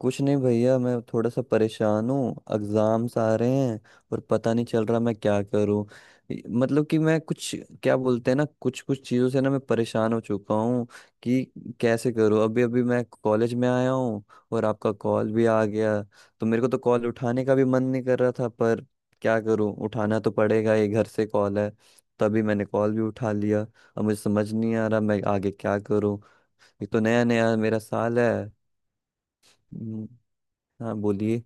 कुछ नहीं भैया, मैं थोड़ा सा परेशान हूँ। एग्जाम्स आ रहे हैं और पता नहीं चल रहा मैं क्या करूँ। मतलब कि मैं कुछ, क्या बोलते हैं ना, कुछ कुछ चीज़ों से ना मैं परेशान हो चुका हूँ कि कैसे करूँ। अभी अभी मैं कॉलेज में आया हूँ और आपका कॉल भी आ गया। तो मेरे को तो कॉल उठाने का भी मन नहीं कर रहा था, पर क्या करूँ, उठाना तो पड़ेगा, ये घर से कॉल है। तभी मैंने कॉल भी उठा लिया। अब मुझे समझ नहीं आ रहा मैं आगे क्या करूँ। ये तो नया नया मेरा साल है। हम्म, हाँ बोलिए।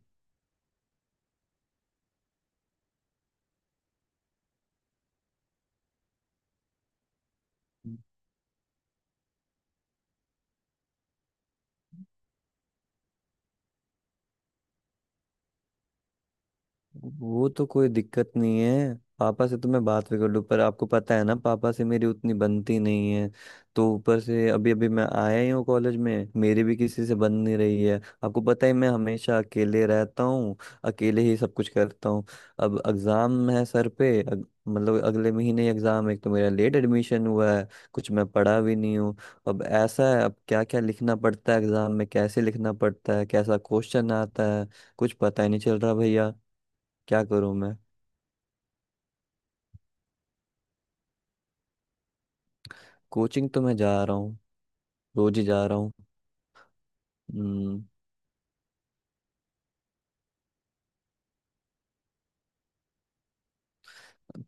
वो तो कोई दिक्कत नहीं है, पापा से तो मैं बात भी कर लूँ, पर आपको पता है ना, पापा से मेरी उतनी बनती नहीं है। तो ऊपर से अभी अभी मैं आया ही हूँ कॉलेज में, मेरी भी किसी से बन नहीं रही है। आपको पता है मैं हमेशा अकेले रहता हूँ, अकेले ही सब कुछ करता हूँ। अब एग्ज़ाम है सर पे, मतलब अगले महीने एग्ज़ाम। एक तो मेरा लेट एडमिशन हुआ है। कुछ मैं पढ़ा भी नहीं हूँ। अब ऐसा है, अब क्या क्या लिखना पड़ता है एग्ज़ाम में, कैसे लिखना पड़ता है, कैसा क्वेश्चन आता है, कुछ पता ही नहीं चल रहा भैया। क्या करूं मैं। कोचिंग तो मैं जा रहा हूँ, रोज ही जा रहा हूँ। हम्म।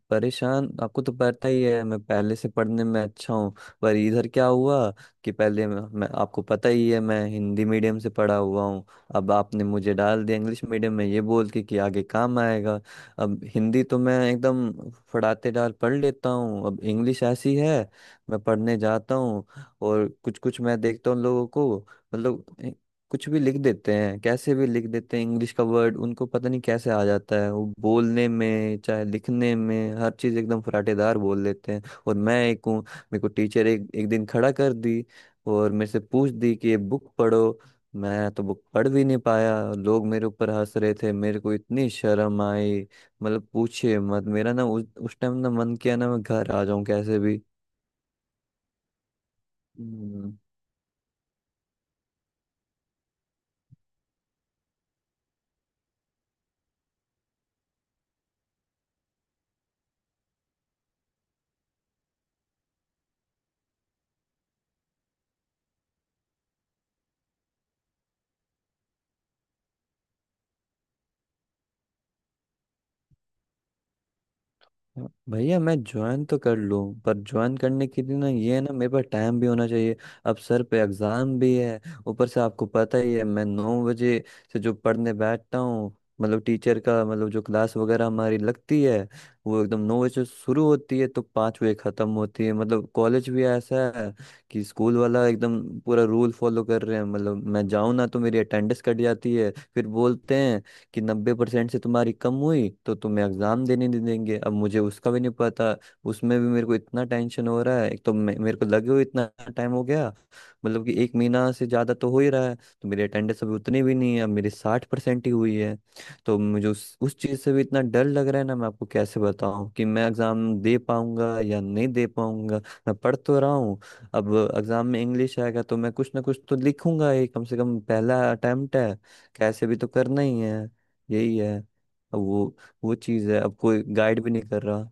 परेशान, आपको तो पता ही है मैं पहले से पढ़ने में अच्छा हूँ। पर इधर क्या हुआ कि पहले मैं आपको पता ही है मैं हिंदी मीडियम से पढ़ा हुआ हूँ। अब आपने मुझे डाल दिया इंग्लिश मीडियम में ये बोल के कि आगे काम आएगा। अब हिंदी तो मैं एकदम फड़ातेदार पढ़ लेता हूँ। अब इंग्लिश ऐसी है, मैं पढ़ने जाता हूँ और कुछ कुछ मैं देखता हूँ लोगों को, मतलब कुछ भी लिख देते हैं, कैसे भी लिख देते हैं। इंग्लिश का वर्ड उनको पता नहीं कैसे आ जाता है, वो बोलने में चाहे लिखने में, हर चीज़ एकदम फराटेदार बोल लेते हैं। और मैं एक हूँ। मेरे को टीचर एक एक दिन खड़ा कर दी और मेरे से पूछ दी कि ये बुक पढ़ो। मैं तो बुक पढ़ भी नहीं पाया, लोग मेरे ऊपर हंस रहे थे, मेरे को इतनी शर्म आई। मतलब पूछे मत, मेरा ना उस टाइम ना मन किया ना मैं घर आ जाऊं कैसे भी। हाँ भैया, मैं ज्वाइन तो कर लूँ, पर ज्वाइन करने के लिए ना ये है ना, मेरे पास टाइम भी होना चाहिए। अब सर पे एग्ज़ाम भी है। ऊपर से आपको पता ही है मैं 9 बजे से जो पढ़ने बैठता हूँ, मतलब टीचर का मतलब जो क्लास वगैरह हमारी लगती है वो एकदम 9 बजे से शुरू होती है तो 5 बजे ख़त्म होती है। मतलब कॉलेज भी ऐसा है कि स्कूल वाला एकदम पूरा रूल फॉलो कर रहे हैं। मतलब मैं जाऊँ ना तो मेरी अटेंडेंस कट जाती है। फिर बोलते हैं कि 90% से तुम्हारी कम हुई तो तुम्हें एग्जाम देने नहीं देंगे। अब मुझे उसका भी नहीं पता। उसमें भी मेरे को इतना टेंशन हो रहा है। एक तो मेरे को लगे हुए इतना टाइम हो गया, मतलब कि एक महीना से ज्यादा तो हो ही रहा है। तो मेरी अटेंडेंस अभी उतनी भी नहीं है, अब मेरी 60% ही हुई है। तो मुझे उस चीज से भी इतना डर लग रहा है ना। मैं आपको कैसे बताऊं कि मैं एग्जाम दे पाऊंगा या नहीं दे पाऊंगा। मैं पढ़ तो रहा हूँ। अब एग्जाम में इंग्लिश आएगा तो मैं कुछ ना कुछ तो लिखूंगा ही। कम से कम पहला अटेम्प्ट है, कैसे भी तो करना ही है। यही है, अब वो चीज़ है, अब कोई गाइड भी नहीं कर रहा।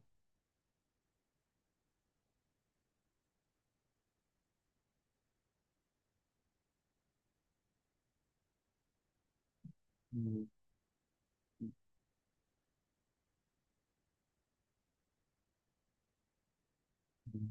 हम्म। हम्म।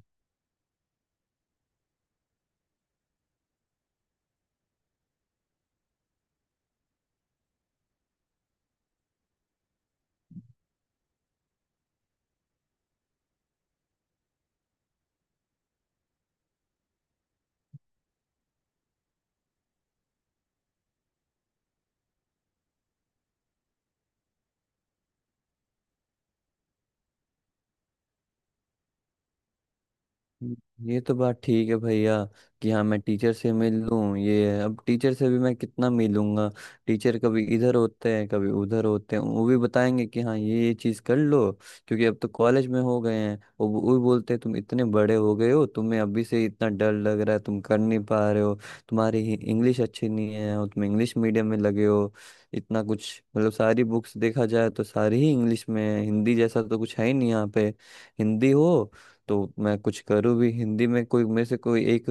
ये तो बात ठीक है भैया कि हाँ मैं टीचर से मिल लूं। ये है, अब टीचर से भी मैं कितना मिलूंगा। टीचर कभी इधर होते हैं कभी उधर होते हैं। वो भी बताएंगे कि हाँ ये चीज़ कर लो। क्योंकि अब तो कॉलेज में हो गए हैं। वो भी बोलते हैं तुम इतने बड़े हो गए हो, तुम्हें अभी से इतना डर लग रहा है, तुम कर नहीं पा रहे हो। तुम्हारी ही इंग्लिश अच्छी नहीं है और तुम इंग्लिश मीडियम में लगे हो। इतना कुछ, मतलब सारी बुक्स देखा जाए तो सारी ही इंग्लिश में है, हिंदी जैसा तो कुछ है ही नहीं यहाँ पे। हिंदी हो तो मैं कुछ करूँ भी। हिंदी में कोई मेरे से कोई एक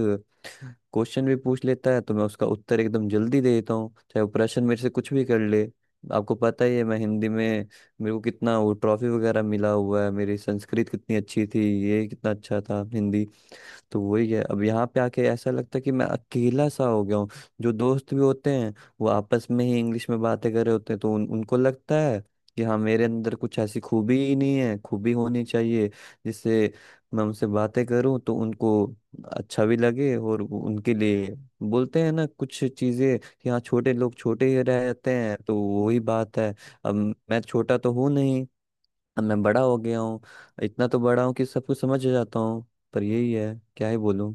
क्वेश्चन भी पूछ लेता है तो मैं उसका उत्तर एकदम जल्दी दे देता हूँ, चाहे वो प्रश्न मेरे से कुछ भी कर ले। आपको पता ही है मैं हिंदी में, मेरे को कितना वो ट्रॉफी वगैरह मिला हुआ है। मेरी संस्कृत कितनी अच्छी थी, ये कितना अच्छा था हिंदी। तो वही है। अब यहाँ पे आके ऐसा लगता है कि मैं अकेला सा हो गया हूँ। जो दोस्त भी होते हैं वो आपस में ही इंग्लिश में बातें कर रहे होते हैं, तो उनको लगता है कि हाँ मेरे अंदर कुछ ऐसी खूबी ही नहीं है, खूबी होनी चाहिए जिससे मैं उनसे बातें करूँ तो उनको अच्छा भी लगे। और वो उनके लिए बोलते हैं ना कुछ चीजें कि हाँ छोटे लोग छोटे ही रहते हैं, तो वही बात है। अब मैं छोटा तो हूँ नहीं, अब मैं बड़ा हो गया हूँ। इतना तो बड़ा हूँ कि सब कुछ समझ जाता हूँ। पर यही है, क्या ही बोलूँ।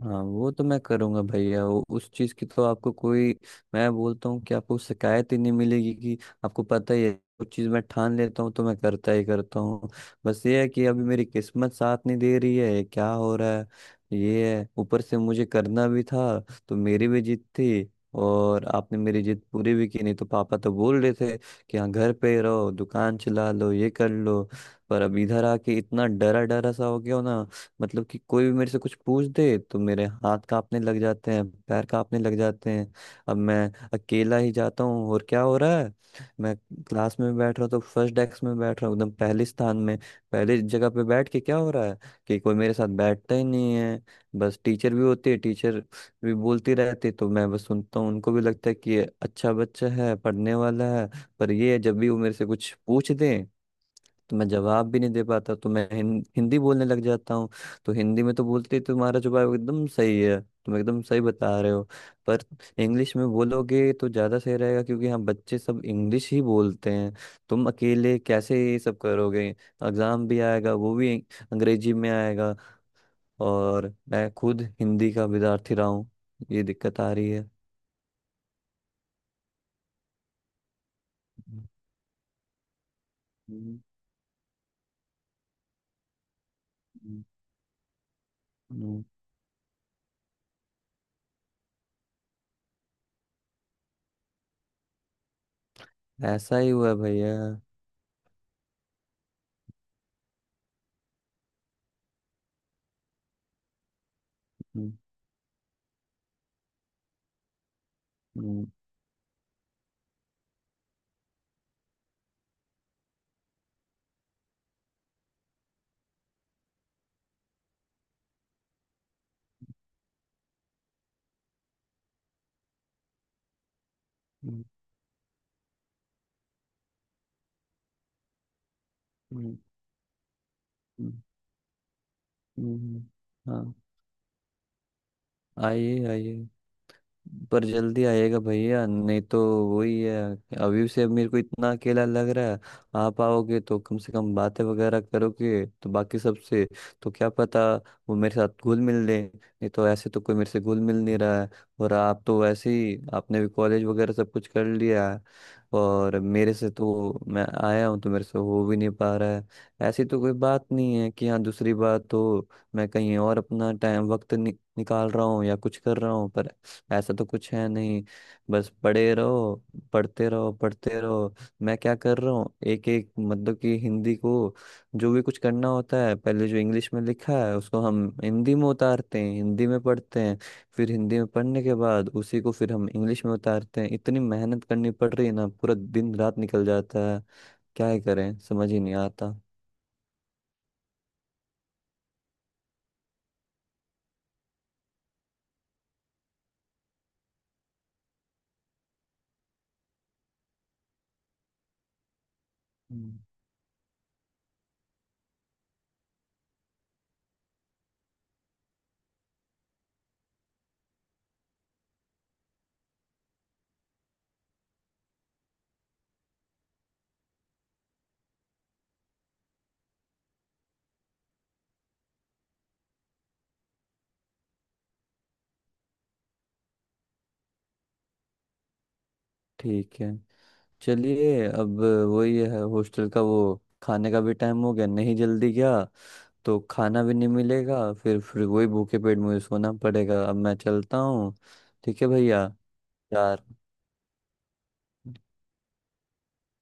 हाँ वो तो मैं करूँगा भैया, वो उस चीज़ की तो आपको कोई, मैं बोलता हूँ कि आपको शिकायत ही नहीं मिलेगी। कि आपको पता ही है कुछ चीज़ मैं ठान लेता हूँ तो मैं करता ही करता हूँ। बस ये है कि अभी मेरी किस्मत साथ नहीं दे रही है, ये क्या हो रहा है। ये है, ऊपर से मुझे करना भी था तो मेरी भी जिद थी। और आपने मेरी जिद पूरी भी की, नहीं तो पापा तो बोल रहे थे कि हाँ घर पे रहो, दुकान चला लो, ये कर लो। पर अब इधर आके इतना डरा डरा सा हो गया हो ना, मतलब कि कोई भी मेरे से कुछ पूछ दे तो मेरे हाथ कांपने लग जाते हैं, पैर कांपने लग जाते हैं। अब मैं अकेला ही जाता हूँ और क्या हो रहा है, मैं क्लास में बैठ रहा हूँ तो फर्स्ट डेस्क में बैठ रहा हूँ, एकदम पहले स्थान में, पहले जगह पे बैठ के क्या हो रहा है कि कोई मेरे साथ बैठता ही नहीं है। बस टीचर भी होती है, टीचर भी बोलती रहती है, तो मैं बस सुनता हूँ। उनको भी लगता है कि ये अच्छा बच्चा है, पढ़ने वाला है। पर ये जब भी वो मेरे से कुछ पूछ दें तो मैं जवाब भी नहीं दे पाता, तो मैं हिंदी बोलने लग जाता हूँ। तो हिंदी में तो बोलते ही, तुम्हारा जवाब एकदम सही है, तुम एकदम सही बता रहे हो, पर इंग्लिश में बोलोगे तो ज़्यादा सही रहेगा, क्योंकि यहाँ बच्चे सब इंग्लिश ही बोलते हैं। तुम अकेले कैसे ये सब करोगे, एग्ज़ाम भी आएगा, वो भी अंग्रेजी में आएगा, और मैं खुद हिंदी का विद्यार्थी रहा हूँ, ये दिक्कत आ रही है। हम्म। हम्म। हम्म। हम्म। ऐसा ही हुआ भैया। हम्म। हम्म। हम्म। हम्म। हम्म। हाँ, आइए आइए। पर जल्दी आइएगा भैया, नहीं तो वही है, अभी से मेरे को इतना अकेला लग रहा है। आप आओगे तो कम से कम बातें वगैरह करोगे तो बाकी सबसे, तो क्या पता वो मेरे साथ घुल मिल ले। नहीं तो ऐसे तो कोई मेरे से घुल मिल नहीं रहा है। और आप तो वैसे ही आपने भी कॉलेज वगैरह सब कुछ कर लिया है। और मेरे से तो, मैं आया हूँ तो मेरे से हो भी नहीं पा रहा है। ऐसी तो कोई बात नहीं है कि हाँ दूसरी बात तो, मैं कहीं और अपना टाइम वक्त निकाल रहा हूँ या कुछ कर रहा हूँ। पर ऐसा तो कुछ है नहीं, बस पढ़े रहो, पढ़ते रहो, पढ़ते रहो। मैं क्या कर रहा हूँ, एक एक, मतलब कि हिंदी को जो भी कुछ करना होता है, पहले जो इंग्लिश में लिखा है उसको हम हिंदी में उतारते हैं, हिंदी में पढ़ते हैं। फिर हिंदी में पढ़ने के बाद उसी को फिर हम इंग्लिश में उतारते हैं। इतनी मेहनत करनी पड़ रही है ना, पूरा दिन रात निकल जाता है। क्या ही करें, समझ ही नहीं आता। हम्म। ठीक है, चलिए अब। वही है हॉस्टल का वो खाने का भी टाइम हो गया, नहीं जल्दी गया तो खाना भी नहीं मिलेगा, फिर वही भूखे पेट मुझे सोना पड़ेगा। अब मैं चलता हूँ, ठीक है भैया, यार।